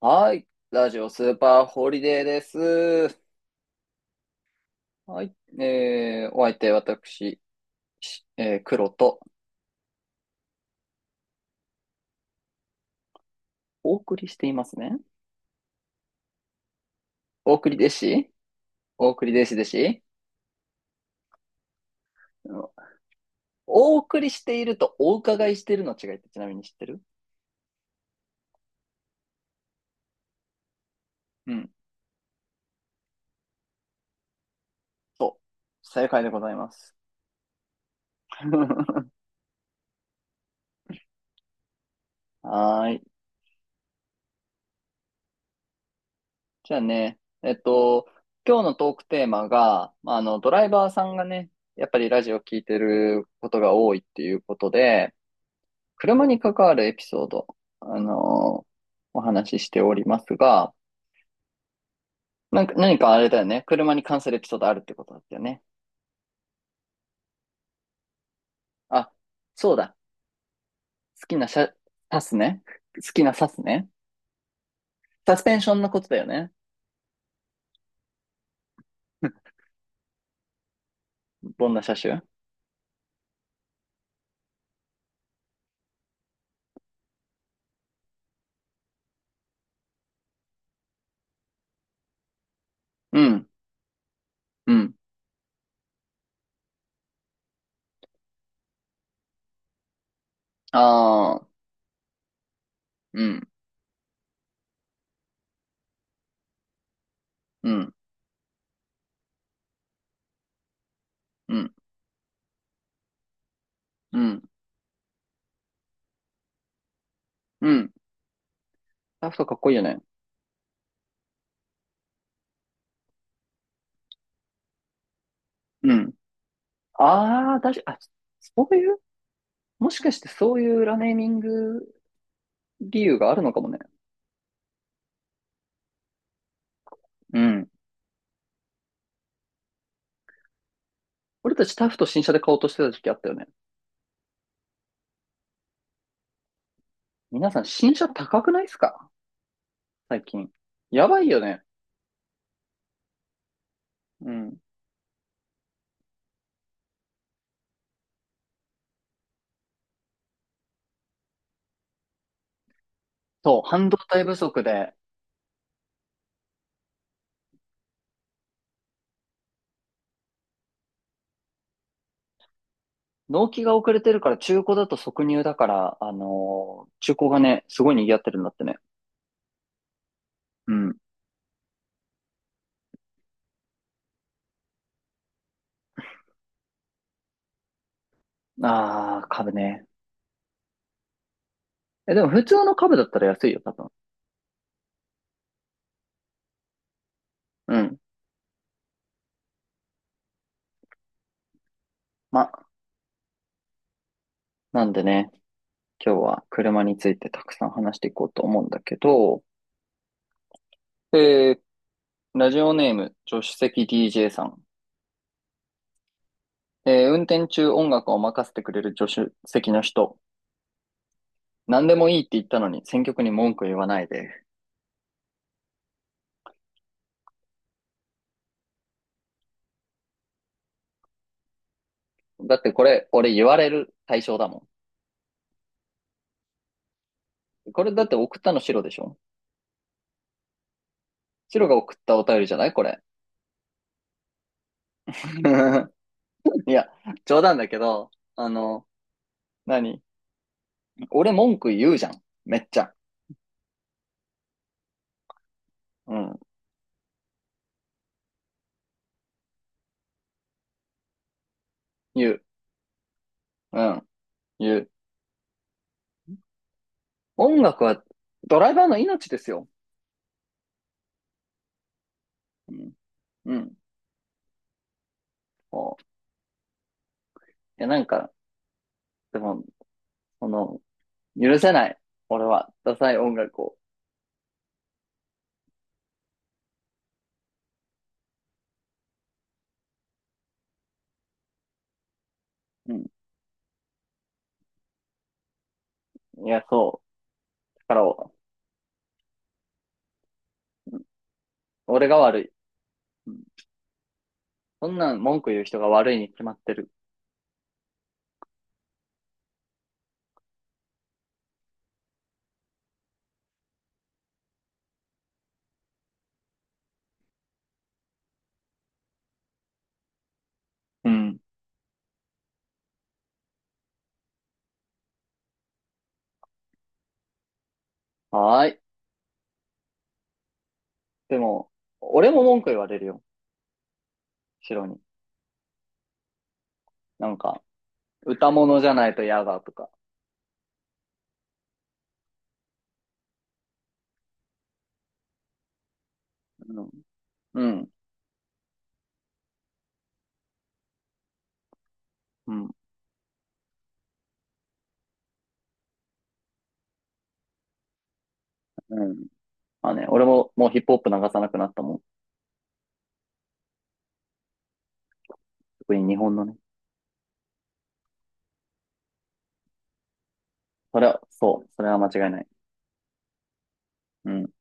はい。ラジオスーパーホリデーです。はい。お相手、私、しえー、黒と、お送りしていますね。お送り弟子お送り弟子弟子うん、お送りしているとお伺いしているの違いってちなみに知ってる？うん。そう。正解でございます。はーい。じゃあね、今日のトークテーマが、ドライバーさんがね、やっぱりラジオ聞いてることが多いっていうことで、車に関わるエピソード、あのーお話ししておりますが、なんか、何かあれだよね。車に関するエピソードあるってことだったよね。あ、そうだ。好きな車、サスね。好きなサスね。サスペンションのことだよね。どんな車種？うん、うん。ああ、うん、うん、うん、うん、うん。ラフトかっこいいよね。うん。ああ、だしあ、そういう、もしかしてそういう裏ネーミング理由があるのかもね。うん。俺たちタフと新車で買おうとしてた時期あったよね。皆さん新車高くないですか、最近。やばいよね。うん。そう、半導体不足で、納期が遅れてるから中古だと即入だから、中古がね、すごい賑わってるんだってね。うん。あー、株ね。え、でも普通の株だったら安いよ、多分。うん。ま、なんでね、今日は車についてたくさん話していこうと思うんだけど、えー、ラジオネーム、助手席 DJ さん。えー、運転中音楽を任せてくれる助手席の人。何でもいいって言ったのに選曲に文句言わないで。だってこれ、俺言われる対象だもん。これだって送ったの白でしょ？白が送ったお便りじゃないこれ。いや、冗談だけど、あの、何俺文句言うじゃん。めっちゃ。うん。言う。うん。言う。音楽はドライバーの命ですよ。うん。うん。こう。いや、なんか、でも、この、許せない。俺は、ダサい音楽を。うん、いや、そう。だから、俺が悪い。うん、そんなん文句言う人が悪いに決まってる。うん。はーい。でも、俺も文句言われるよ。白に。なんか、歌物じゃないと嫌だとか。うん。うん。うん。うん、まあね、俺ももうヒップホップ流さなくなったもん。特に日本のね。それは、そう。それは間違いない。うん。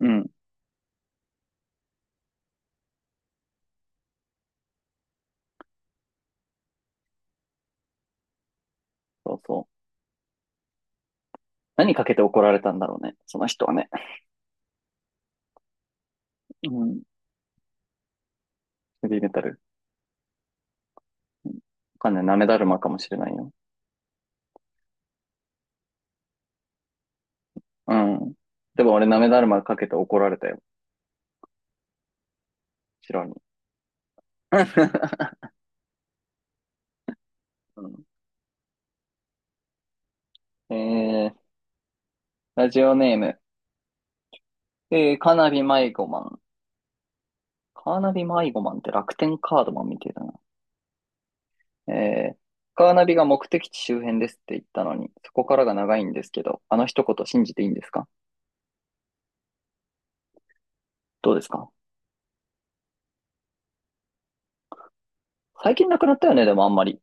うん。そうそう。何かけて怒られたんだろうね。その人はね。うん。ヘビーメタル。わかんない。なめだるまかもしれないよ。うん。でも俺なめだるまかけて怒られたよ。白に。うん、えー、ラジオネーム。えー、カーナビ迷子マン。カーナビ迷子マンって楽天カードマンみたいだな。えー、カーナビが目的地周辺ですって言ったのに、そこからが長いんですけど、あの一言信じていいんですか？どうですか？最近なくなったよね、でもあんまり。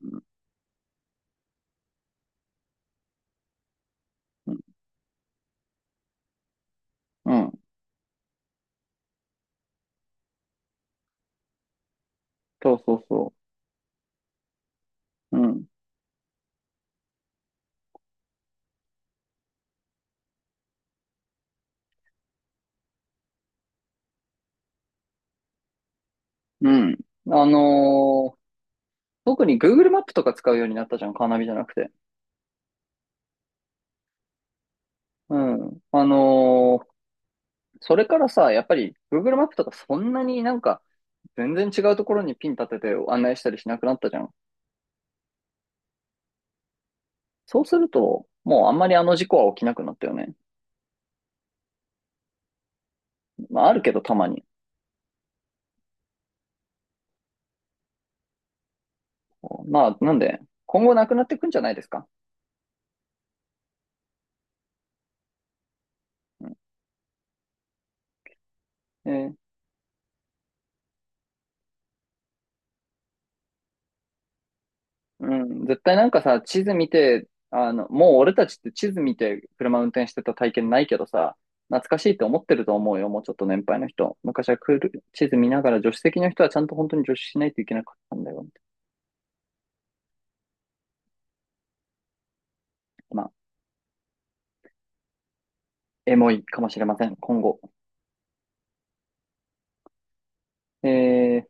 うん、うん、うん、そうそうそう。うん、うん。あのー特に Google マップとか使うようになったじゃん、カーナビじゃなくて。うん。あのー、それからさ、やっぱり Google マップとかそんなになんか全然違うところにピン立てて案内したりしなくなったじゃん。そうすると、もうあんまりあの事故は起きなくなったよね。まああるけどたまに。まあなんで、今後なくなってくんじゃないですか。うん、えー、うん、絶対なんかさ、地図見て、あの、もう俺たちって地図見て車運転してた体験ないけどさ、懐かしいって思ってると思うよ、もうちょっと年配の人。昔はクール地図見ながら助手席の人はちゃんと本当に助手しないといけなかったんだよ。まあエモいかもしれません、今後。えー、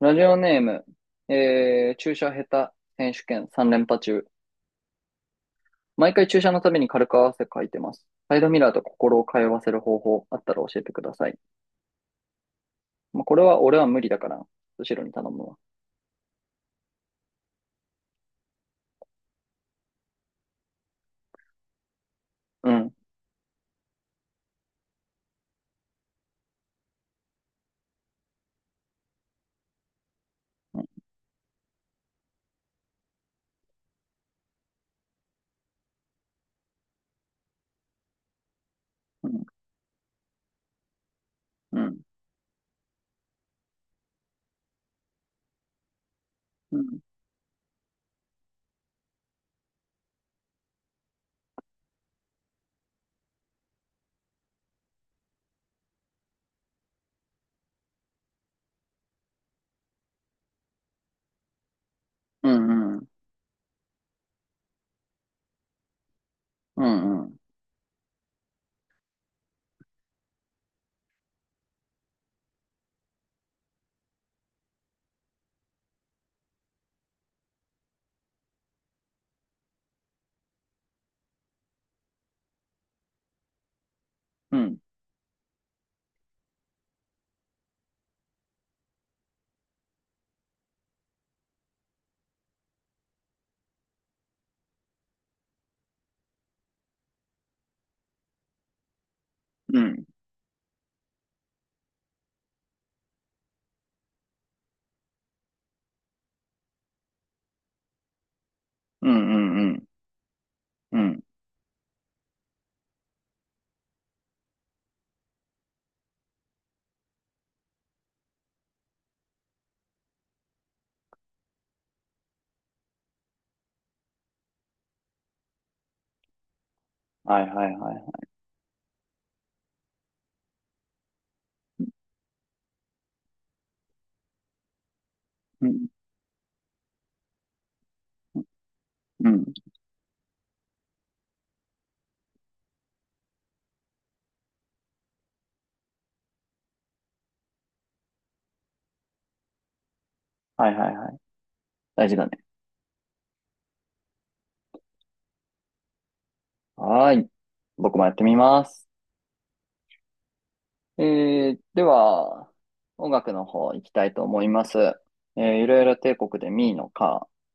ラジオネーム、えー、注射下手選手権3連覇中。毎回注射のために軽く汗かいてます。サイドミラーと心を通わせる方法あったら教えてください。まあ、これは俺は無理だから、後ろに頼むわ。うん、うん、うん、うん、うん、うん、うん、うん、うん、うん、うん、うん、うん、はいはいはい。うん、うん、はいはいはい。大事だね。はーい。僕もやってみます。えー、では、音楽の方行きたいと思います。えー、いろいろ帝国でミーのカー。